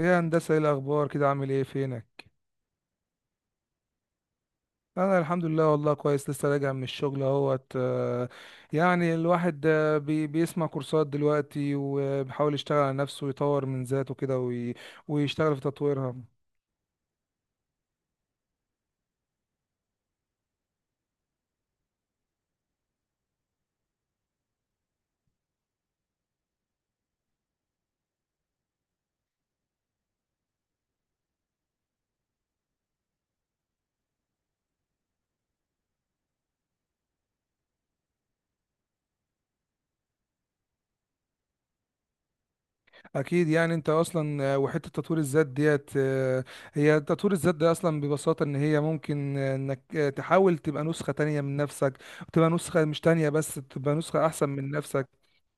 ايه يا هندسة، ايه الأخبار كده؟ عامل ايه؟ فينك؟ أنا الحمد لله والله كويس، لسه راجع من الشغل اهوت. يعني الواحد بيسمع كورسات دلوقتي وبيحاول يشتغل على نفسه ويطور من ذاته كده ويشتغل في تطويرها. اكيد. يعني انت اصلا وحته تطوير الذات ديت، هي تطوير الذات ده اصلا ببساطه ان هي ممكن انك تحاول تبقى نسخه تانية من نفسك، وتبقى نسخه مش تانية بس، تبقى نسخه احسن من نفسك.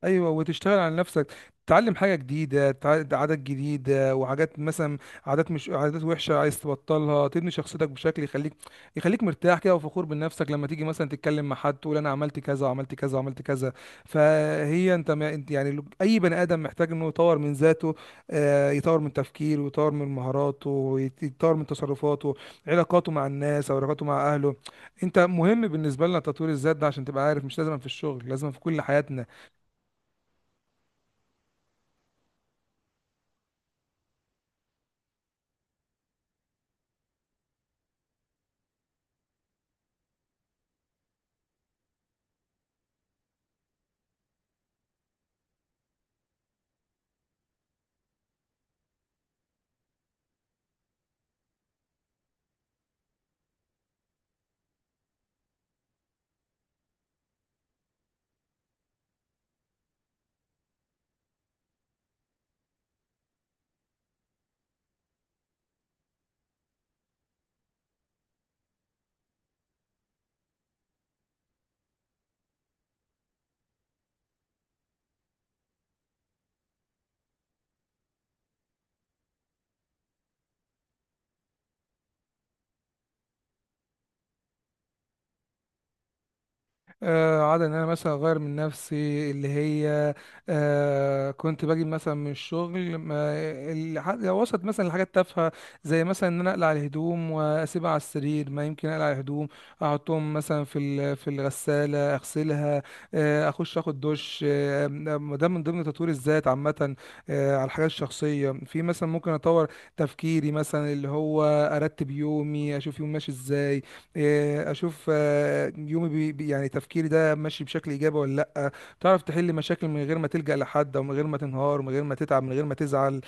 ايوه، وتشتغل على نفسك، تتعلم حاجه جديده، عادات جديده وحاجات، مثلا عادات مش عادات وحشه عايز تبطلها، تبني شخصيتك بشكل يخليك، يخليك مرتاح كده وفخور بنفسك لما تيجي مثلا تتكلم مع حد تقول انا عملت كذا وعملت كذا وعملت كذا. فهي انت، ما انت يعني اي بني ادم محتاج انه يطور من ذاته، يطور من تفكيره ويطور من مهاراته يطور من تصرفاته، علاقاته مع الناس او علاقاته مع اهله. انت مهم بالنسبه لنا تطوير الذات ده، عشان تبقى عارف مش لازم في الشغل، لازم في كل حياتنا. عادة ان انا مثلا اغير من نفسي اللي هي، آه كنت باجي مثلا من الشغل، ما لو وصلت مثلا لحاجات تافهه، زي مثلا ان انا اقلع الهدوم واسيبها على السرير، ما يمكن اقلع الهدوم احطهم مثلا في الغساله اغسلها. آه اخش اخد دش، آه. ده من ضمن تطوير الذات عامه. آه على الحاجات الشخصيه، في مثلا ممكن اطور تفكيري، مثلا اللي هو ارتب يومي، اشوف يومي ماشي ازاي. إيه، اشوف يومي يعني تفكيري ده ماشي بشكل ايجابي ولا لا، تعرف تحل مشاكل من غير ما تلجأ لحد او من غير ما تنهار، من غير ما تتعب، من غير ما تزعل.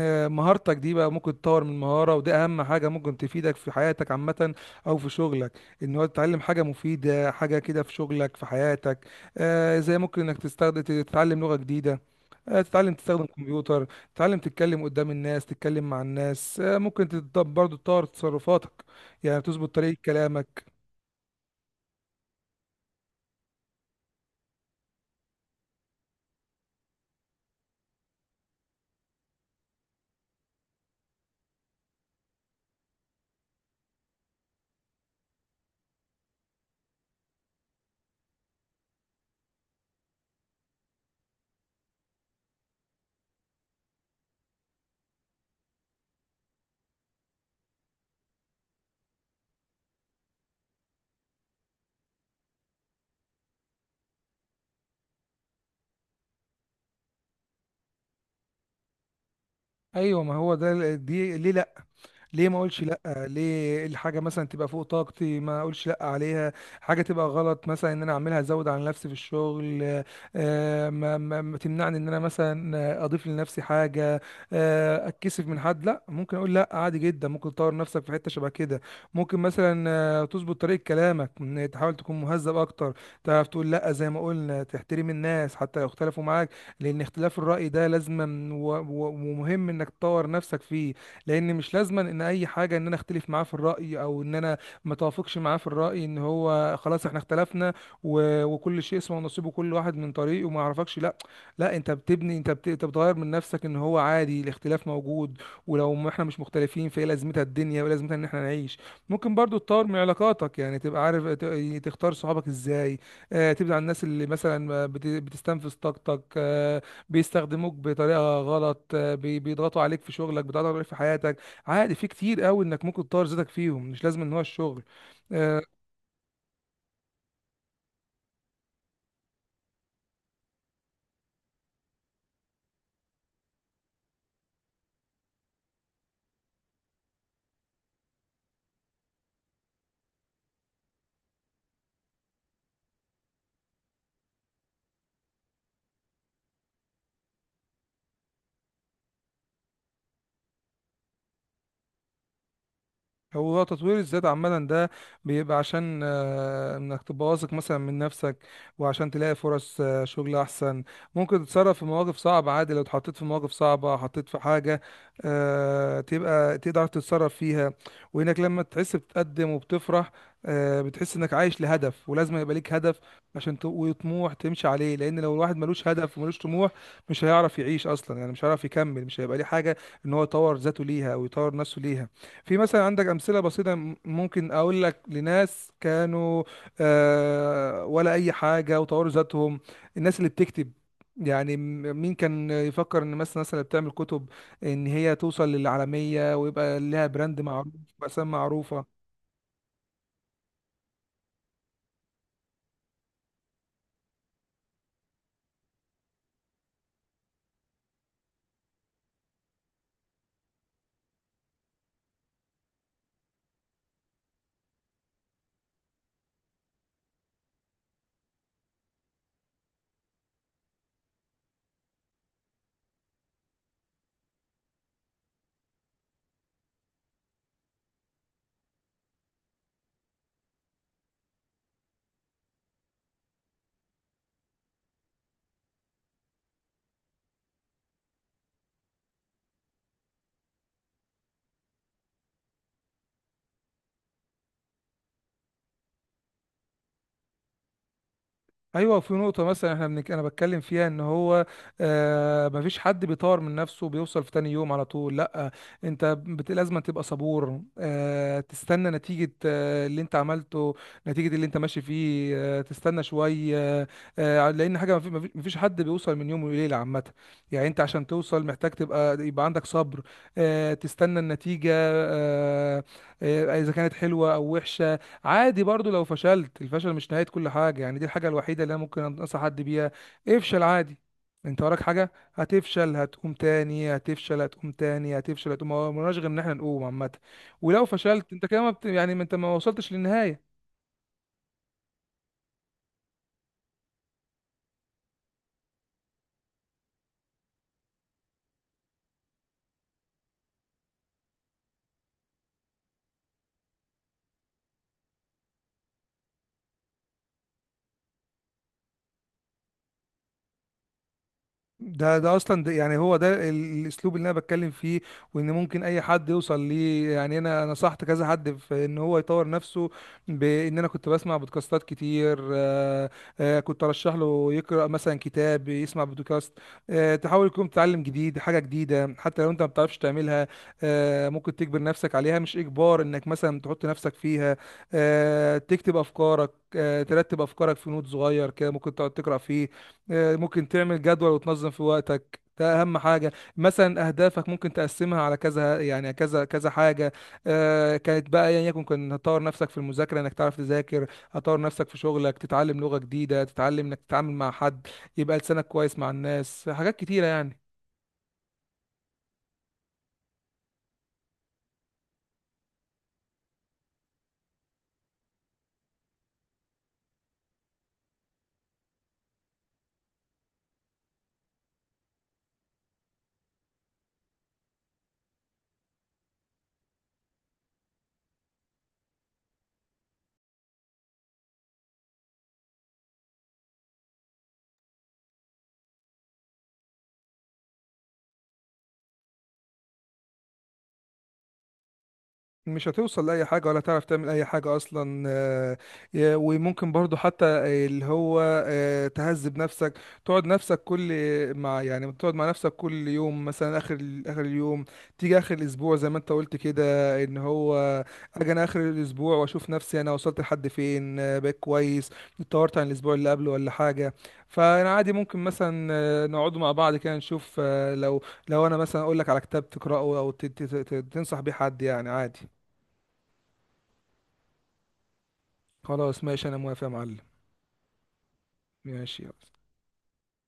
مهارتك دي بقى ممكن تطور من مهارة، وده اهم حاجة ممكن تفيدك في حياتك عامة او في شغلك. ان هو تتعلم حاجة مفيدة، حاجة كده في شغلك في حياتك. زي ممكن انك تستخدم تتعلم لغة جديدة، تتعلم تستخدم كمبيوتر، تتعلم تتكلم قدام الناس، تتكلم مع الناس. ممكن برضه تطور تصرفاتك، يعني بتظبط طريقة كلامك. ايوه، ما هو ده دي ليه؟ ليه ما اقولش لا؟ ليه الحاجه مثلا تبقى فوق طاقتي ما اقولش لا عليها؟ حاجه تبقى غلط مثلا ان انا اعملها، ازود على نفسي في الشغل، ما تمنعني ان انا مثلا اضيف لنفسي حاجه، اتكسف من حد؟ لا، ممكن اقول لا عادي جدا. ممكن تطور نفسك في حته شبه كده، ممكن مثلا تظبط طريقه كلامك، إن تحاول تكون مهذب اكتر، تعرف تقول لا زي ما قلنا، تحترم الناس حتى لو اختلفوا معاك، لان اختلاف الراي ده لازم، ومهم انك تطور نفسك فيه. لان مش لازما ان اي حاجه ان انا اختلف معاه في الراي، او ان انا ما توافقش معاه في الراي، ان هو خلاص احنا اختلفنا وكل شيء اسمه ونصيبه كل واحد من طريقه، وما اعرفكش. لا، لا، انت بتبني، انت بتغير من نفسك، ان هو عادي الاختلاف موجود. ولو ما احنا مش مختلفين فايه لازمتها الدنيا، ولازمتها ان احنا نعيش. ممكن برضو تطور من علاقاتك، يعني تبقى عارف تختار صحابك ازاي. تبعد عن الناس اللي مثلا ما بت- بتستنفذ طاقتك، بيستخدموك بطريقه غلط، بيضغطوا عليك في شغلك، بيضغطوا عليك في حياتك. عادي، في كتير قوي انك ممكن تطور ذاتك فيهم، مش لازم ان هو الشغل. آه، هو تطوير الذات عامة ده بيبقى عشان انك تبقى واثق مثلا من نفسك، وعشان تلاقي فرص شغل احسن. ممكن تتصرف في مواقف صعبة عادي، لو اتحطيت في مواقف صعبة، حطيت في حاجة، تبقى تقدر تتصرف فيها. وانك لما تحس بتتقدم وبتفرح، بتحس انك عايش لهدف، ولازم يبقى ليك هدف عشان وطموح تمشي عليه. لان لو الواحد ملوش هدف وملوش طموح، مش هيعرف يعيش اصلا. يعني مش هيعرف يكمل، مش هيبقى ليه حاجة ان هو يطور ذاته ليها او يطور نفسه ليها. في مثلا عندك امثله بسيطه، ممكن اقول لك لناس كانوا ولا اي حاجه وطوروا ذاتهم. الناس اللي بتكتب، يعني مين كان يفكر ان مثلا الناس اللي بتعمل كتب ان هي توصل للعالميه ويبقى لها براند معروف واسامي معروفه؟ ايوه، في نقطه مثلا انا بتكلم فيها، ان هو آه مفيش حد بيطور من نفسه وبيوصل في تاني يوم على طول. لا، لازم تبقى صبور، آه تستنى نتيجه، آه اللي انت عملته، نتيجه اللي انت ماشي فيه. آه تستنى شويه، آه، لان حاجه مفيش حد بيوصل من يوم وليله عامه. يعني انت عشان توصل محتاج تبقى يبقى عندك صبر، آه تستنى النتيجه آه، اذا كانت حلوه او وحشه. عادي برضو لو فشلت، الفشل مش نهاية كل حاجة. يعني دي الحاجة الوحيدة اللي انا ممكن انصح حد بيها، افشل عادي، انت وراك حاجة، هتفشل هتقوم تاني، هتفشل هتقوم تاني، هتفشل هتقوم، هو ملناش غير ان احنا نقوم عامة. ولو فشلت انت كده ما بت... يعني ما انت ما وصلتش للنهاية. ده ده اصلا ده يعني هو ده الاسلوب اللي انا بتكلم فيه، وان ممكن اي حد يوصل ليه. يعني انا نصحت كذا حد في ان هو يطور نفسه، بان انا كنت بسمع بودكاستات كتير، كنت ارشح له يقرا مثلا كتاب، يسمع بودكاست. تحاول يكون تتعلم جديد حاجه جديده، حتى لو انت ما بتعرفش تعملها، ممكن تجبر نفسك عليها، مش اجبار، انك مثلا تحط نفسك فيها. تكتب افكارك، ترتب افكارك في نوت صغير كده ممكن تقعد تقرا فيه. ممكن تعمل جدول وتنظم في وقتك، ده اهم حاجه. مثلا اهدافك ممكن تقسمها على كذا، يعني كذا كذا حاجه. كانت بقى ايا يعني يكن، كنت هتطور نفسك في المذاكره انك تعرف تذاكر، هتطور نفسك في شغلك، تتعلم لغه جديده، تتعلم انك تتعامل مع حد، يبقى لسانك كويس مع الناس، حاجات كتيره يعني. مش هتوصل لأي حاجة، ولا تعرف تعمل أي حاجة أصلا. وممكن برضو حتى اللي هو تهذب نفسك، تقعد نفسك كل، مع يعني تقعد مع نفسك كل يوم مثلا آخر آخر اليوم، تيجي آخر الأسبوع زي ما أنت قلت كده، إن هو أجي أنا آخر الأسبوع وأشوف نفسي، أنا وصلت لحد فين، بقيت كويس، اتطورت عن الأسبوع اللي قبله ولا حاجة. فأنا عادي ممكن مثلا نقعد مع بعض كده نشوف، لو أنا مثلا أقول لك على كتاب تقرأه أو تنصح بيه حد، يعني عادي. خلاص ماشي، انا موافق يا معلم. ماشي.